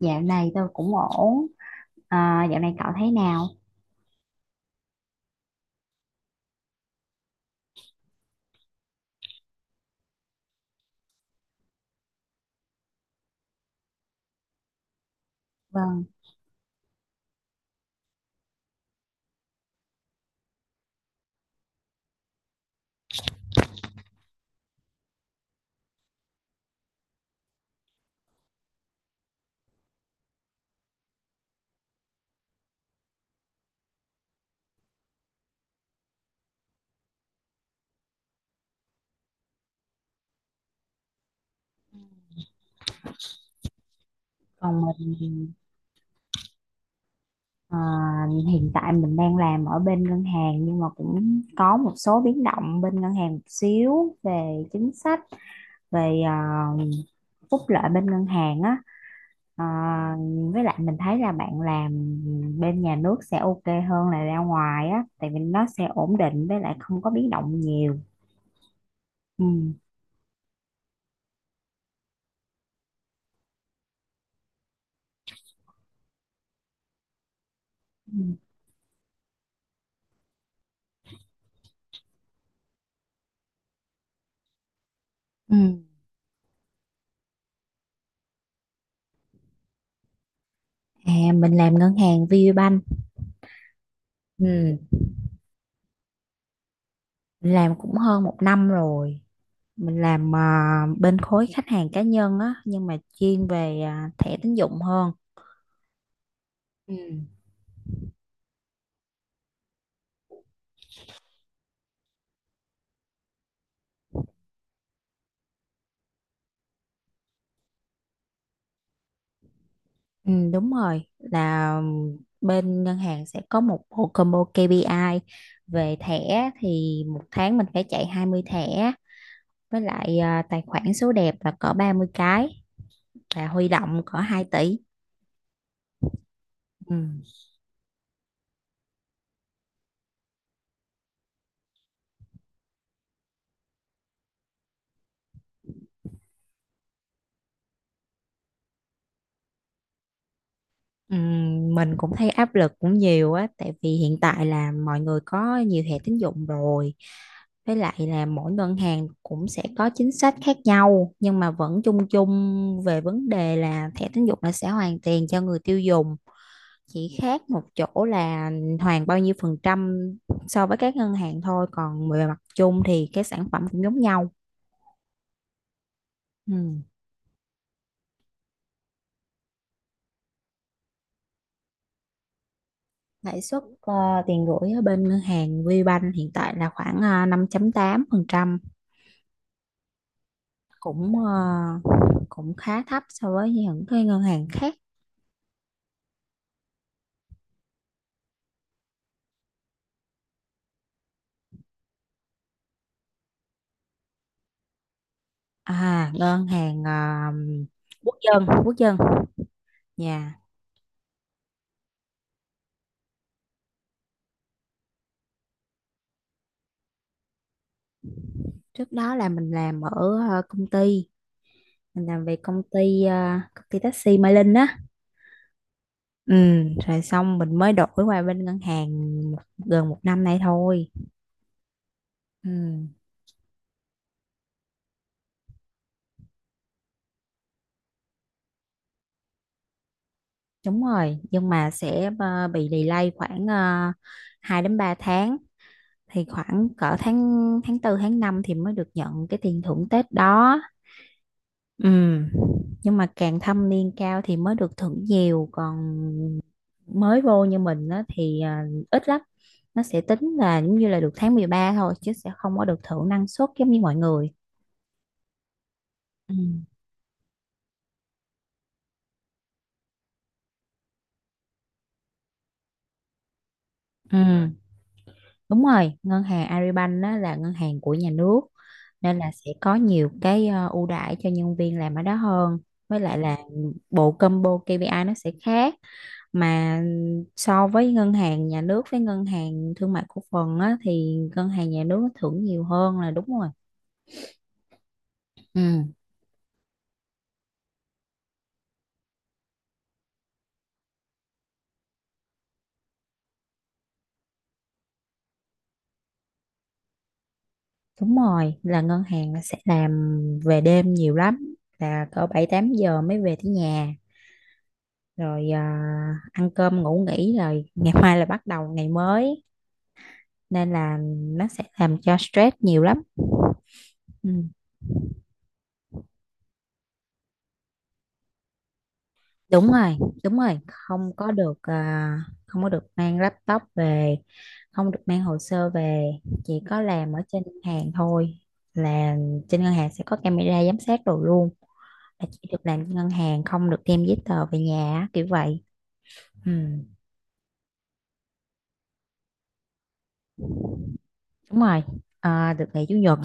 Dạo này tôi cũng ổn. À, dạo này cậu thấy nào? Vâng. Còn mình thì, à, hiện tại mình đang làm ở bên ngân hàng, nhưng mà cũng có một số biến động bên ngân hàng một xíu về chính sách, về phúc lợi bên ngân hàng á. À, với lại mình thấy là bạn làm bên nhà nước sẽ ok hơn là ra ngoài á, tại vì nó sẽ ổn định với lại không có biến động nhiều. Ừ. Ừ. Ừ. À, mình làm ngân hàng VPBank. Ừ. Mình làm cũng hơn một năm rồi, mình làm bên khối khách hàng cá nhân á, nhưng mà chuyên về thẻ tín dụng hơn. Ừ. Ừ, đúng rồi, là bên ngân hàng sẽ có một bộ combo KPI, về thẻ thì một tháng mình phải chạy 20 thẻ, với lại tài khoản số đẹp là cỡ 30 cái, và huy động cỡ 2 tỷ. Ừ. Mình cũng thấy áp lực cũng nhiều á, tại vì hiện tại là mọi người có nhiều thẻ tín dụng rồi, với lại là mỗi ngân hàng cũng sẽ có chính sách khác nhau, nhưng mà vẫn chung chung về vấn đề là thẻ tín dụng là sẽ hoàn tiền cho người tiêu dùng, chỉ khác một chỗ là hoàn bao nhiêu phần trăm so với các ngân hàng thôi, còn về mặt chung thì cái sản phẩm cũng giống nhau. Ừm, lãi suất tiền gửi ở bên ngân hàng VBank hiện tại là khoảng 5,8%, cũng ờ, cũng khá thấp so với những cái ngân hàng khác. À, ngân hàng quốc dân, quốc dân nhà. Trước đó là mình làm ở công ty, mình làm về công ty taxi Mai Linh á. Ừ. Rồi xong mình mới đổi qua bên ngân hàng, một- gần một năm nay thôi. Ừ. Đúng rồi, nhưng mà sẽ bị delay khoảng 2 đến 3 tháng, thì khoảng cỡ tháng tháng tư tháng 5 thì mới được nhận cái tiền thưởng Tết đó. Ừ, nhưng mà càng thâm niên cao thì mới được thưởng nhiều, còn mới vô như mình á thì ít lắm, nó sẽ tính là giống như là được tháng 13 thôi chứ sẽ không có được thưởng năng suất giống như mọi người. Ừ. Ừ, đúng rồi, ngân hàng Agribank á là ngân hàng của nhà nước, nên là sẽ có nhiều cái ưu đãi cho nhân viên làm ở đó hơn, với lại là bộ combo KPI nó sẽ khác, mà so với ngân hàng nhà nước với ngân hàng thương mại cổ phần á, thì ngân hàng nhà nước nó thưởng nhiều hơn là đúng rồi. Ừ. Đúng rồi, là ngân hàng là sẽ làm về đêm nhiều lắm, là cỡ 7-8 giờ mới về tới nhà, rồi ăn cơm ngủ nghỉ rồi ngày mai là bắt đầu ngày mới, nên là nó sẽ làm cho stress nhiều lắm. Ừ. Đúng rồi. Đúng rồi, không có được mang laptop về, không được mang hồ sơ về, chỉ có làm ở trên ngân hàng thôi, là trên ngân hàng sẽ có camera giám sát đồ luôn, là chỉ được làm trên ngân hàng, không được đem giấy tờ về nhà á, kiểu vậy. Ừ, đúng rồi. À, được nghỉ chủ nhật.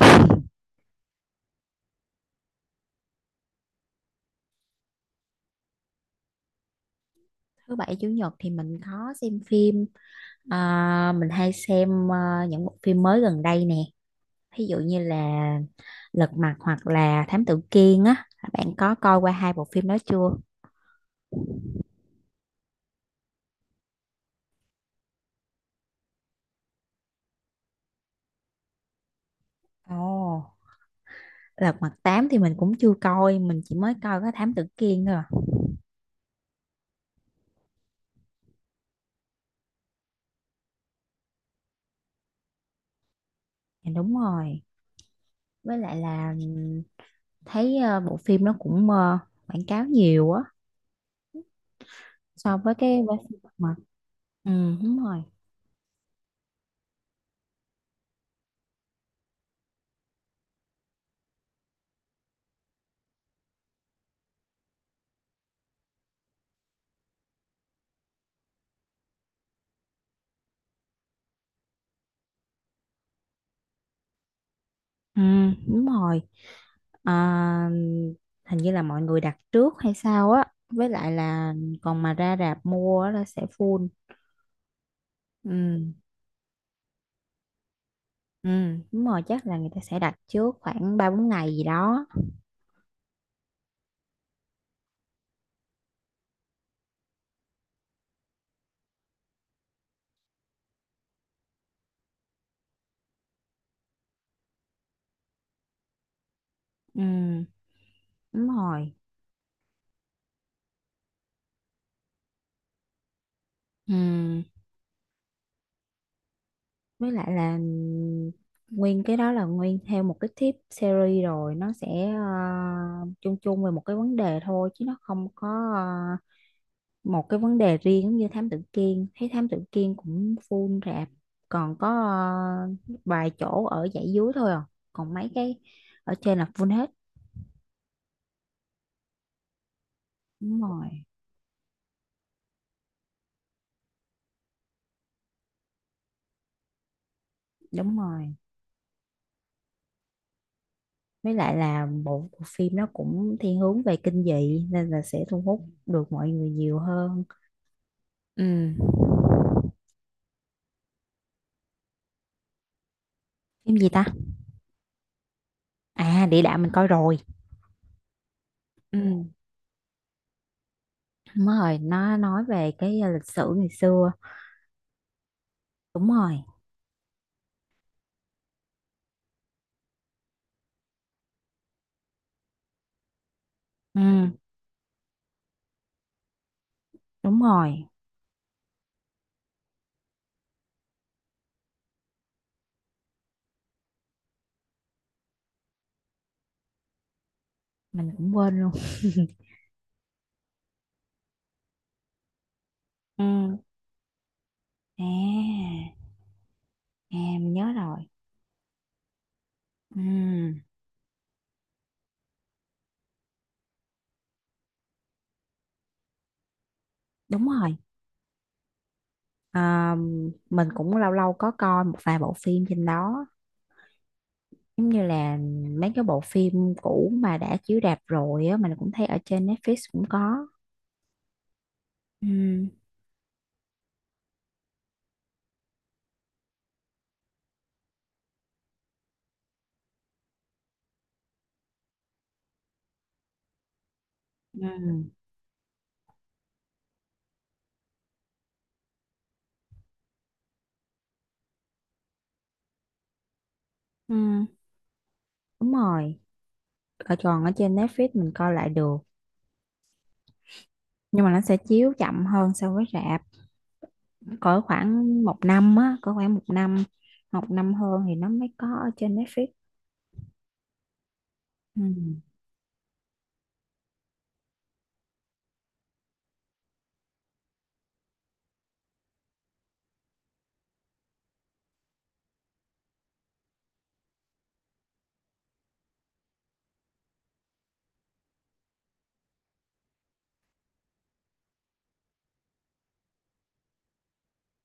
Thứ bảy chủ nhật thì mình có xem phim, mình hay xem những bộ phim mới gần đây nè, ví dụ như là Lật Mặt hoặc là Thám Tử Kiên á, bạn có coi qua hai bộ phim đó chưa? Ồ, Lật Mặt 8 thì mình cũng chưa coi, mình chỉ mới coi có Thám Tử Kiên thôi à. Dạ, đúng rồi, với lại là thấy bộ phim nó cũng quảng cáo nhiều á, so với phim Lật Mặt. Ừ, đúng rồi. Ừ, đúng rồi. Ờ, hình như là mọi người đặt trước hay sao á, với lại là còn mà ra rạp mua á là sẽ full. Ừ. Ừ, đúng rồi, chắc là người ta sẽ đặt trước khoảng 3-4 ngày gì đó. Ừ, đúng rồi. Ừ. Với lại là nguyên cái đó là nguyên theo một cái tip series rồi, nó sẽ chung chung về một cái vấn đề thôi chứ nó không có ờ, một cái vấn đề riêng, giống như Thám Tử Kiên, thấy Thám Tử Kiên cũng full rạp, còn có ờ, vài chỗ ở dãy dưới thôi à, còn mấy cái ở trên là full hết. Đúng rồi. Đúng rồi, với lại là bộ phim nó cũng thiên hướng về kinh dị nên là sẽ thu hút được mọi người nhiều hơn. Ừ. Phim gì ta? À, địa đạo mình coi rồi. Ừ, đúng rồi, nó nói về cái lịch sử ngày xưa. Đúng rồi. Ừ, đúng rồi. Mình cũng quên luôn. Ừ. À, à, mình nhớ rồi. Ừ. Đúng rồi. À, mình cũng lâu lâu có coi một vài bộ phim trên đó. Giống như là mấy cái bộ phim cũ mà đã chiếu rạp rồi á, mình cũng thấy ở trên Netflix cũng có. Ừ. Ừ. Ừ. Đúng rồi, còn ở trên Netflix mình coi lại được, nhưng mà nó sẽ chiếu chậm hơn so với rạp cỡ khoảng một năm á, cỡ khoảng một năm, một năm hơn thì nó mới có ở trên Netflix. Ừ.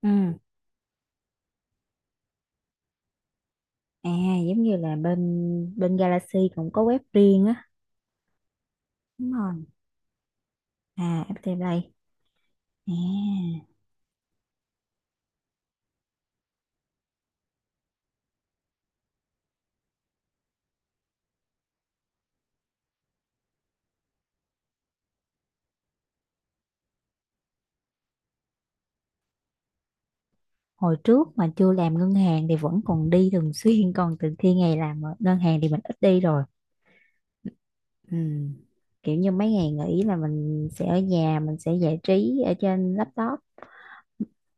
Ừ. À, giống như là bên bên Galaxy cũng có web riêng á. Đúng rồi. À, FPT Play. À. hồi trước mà chưa làm ngân hàng thì vẫn còn đi thường xuyên, còn từ khi ngày làm ở ngân hàng thì mình ít đi rồi. Ừ. Kiểu như mấy ngày nghỉ là mình sẽ ở nhà, mình sẽ giải trí ở trên laptop,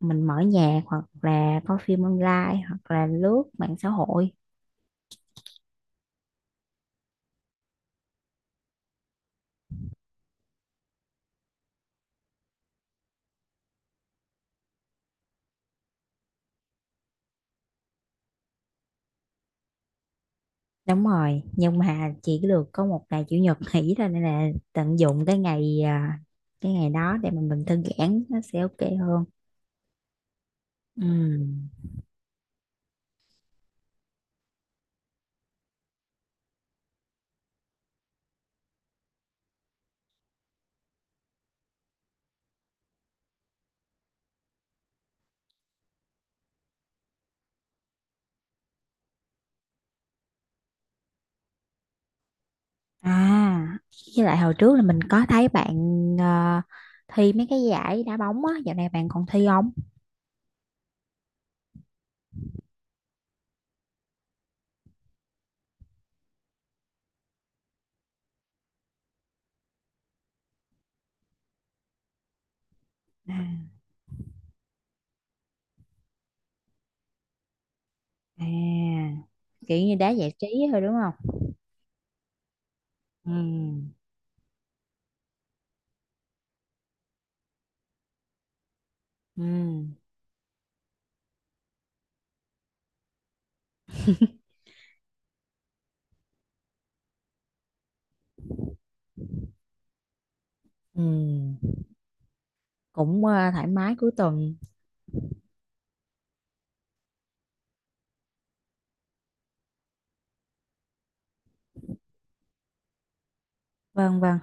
mình mở nhạc hoặc là coi phim online hoặc là lướt mạng xã hội. Đúng rồi, nhưng mà chỉ được có một ngày chủ nhật nghỉ thôi, nên là tận dụng cái ngày đó để mà mình thư giãn nó sẽ ok hơn. Ừ. À, với lại hồi trước là mình có thấy bạn ờ, thi mấy cái giải đá bóng á, dạo này bạn còn thi không? À. À, kiểu như đá giải trí thôi đúng không? Ừ, ừ, ừ, thoải mái cuối tuần. Vâng, vâng.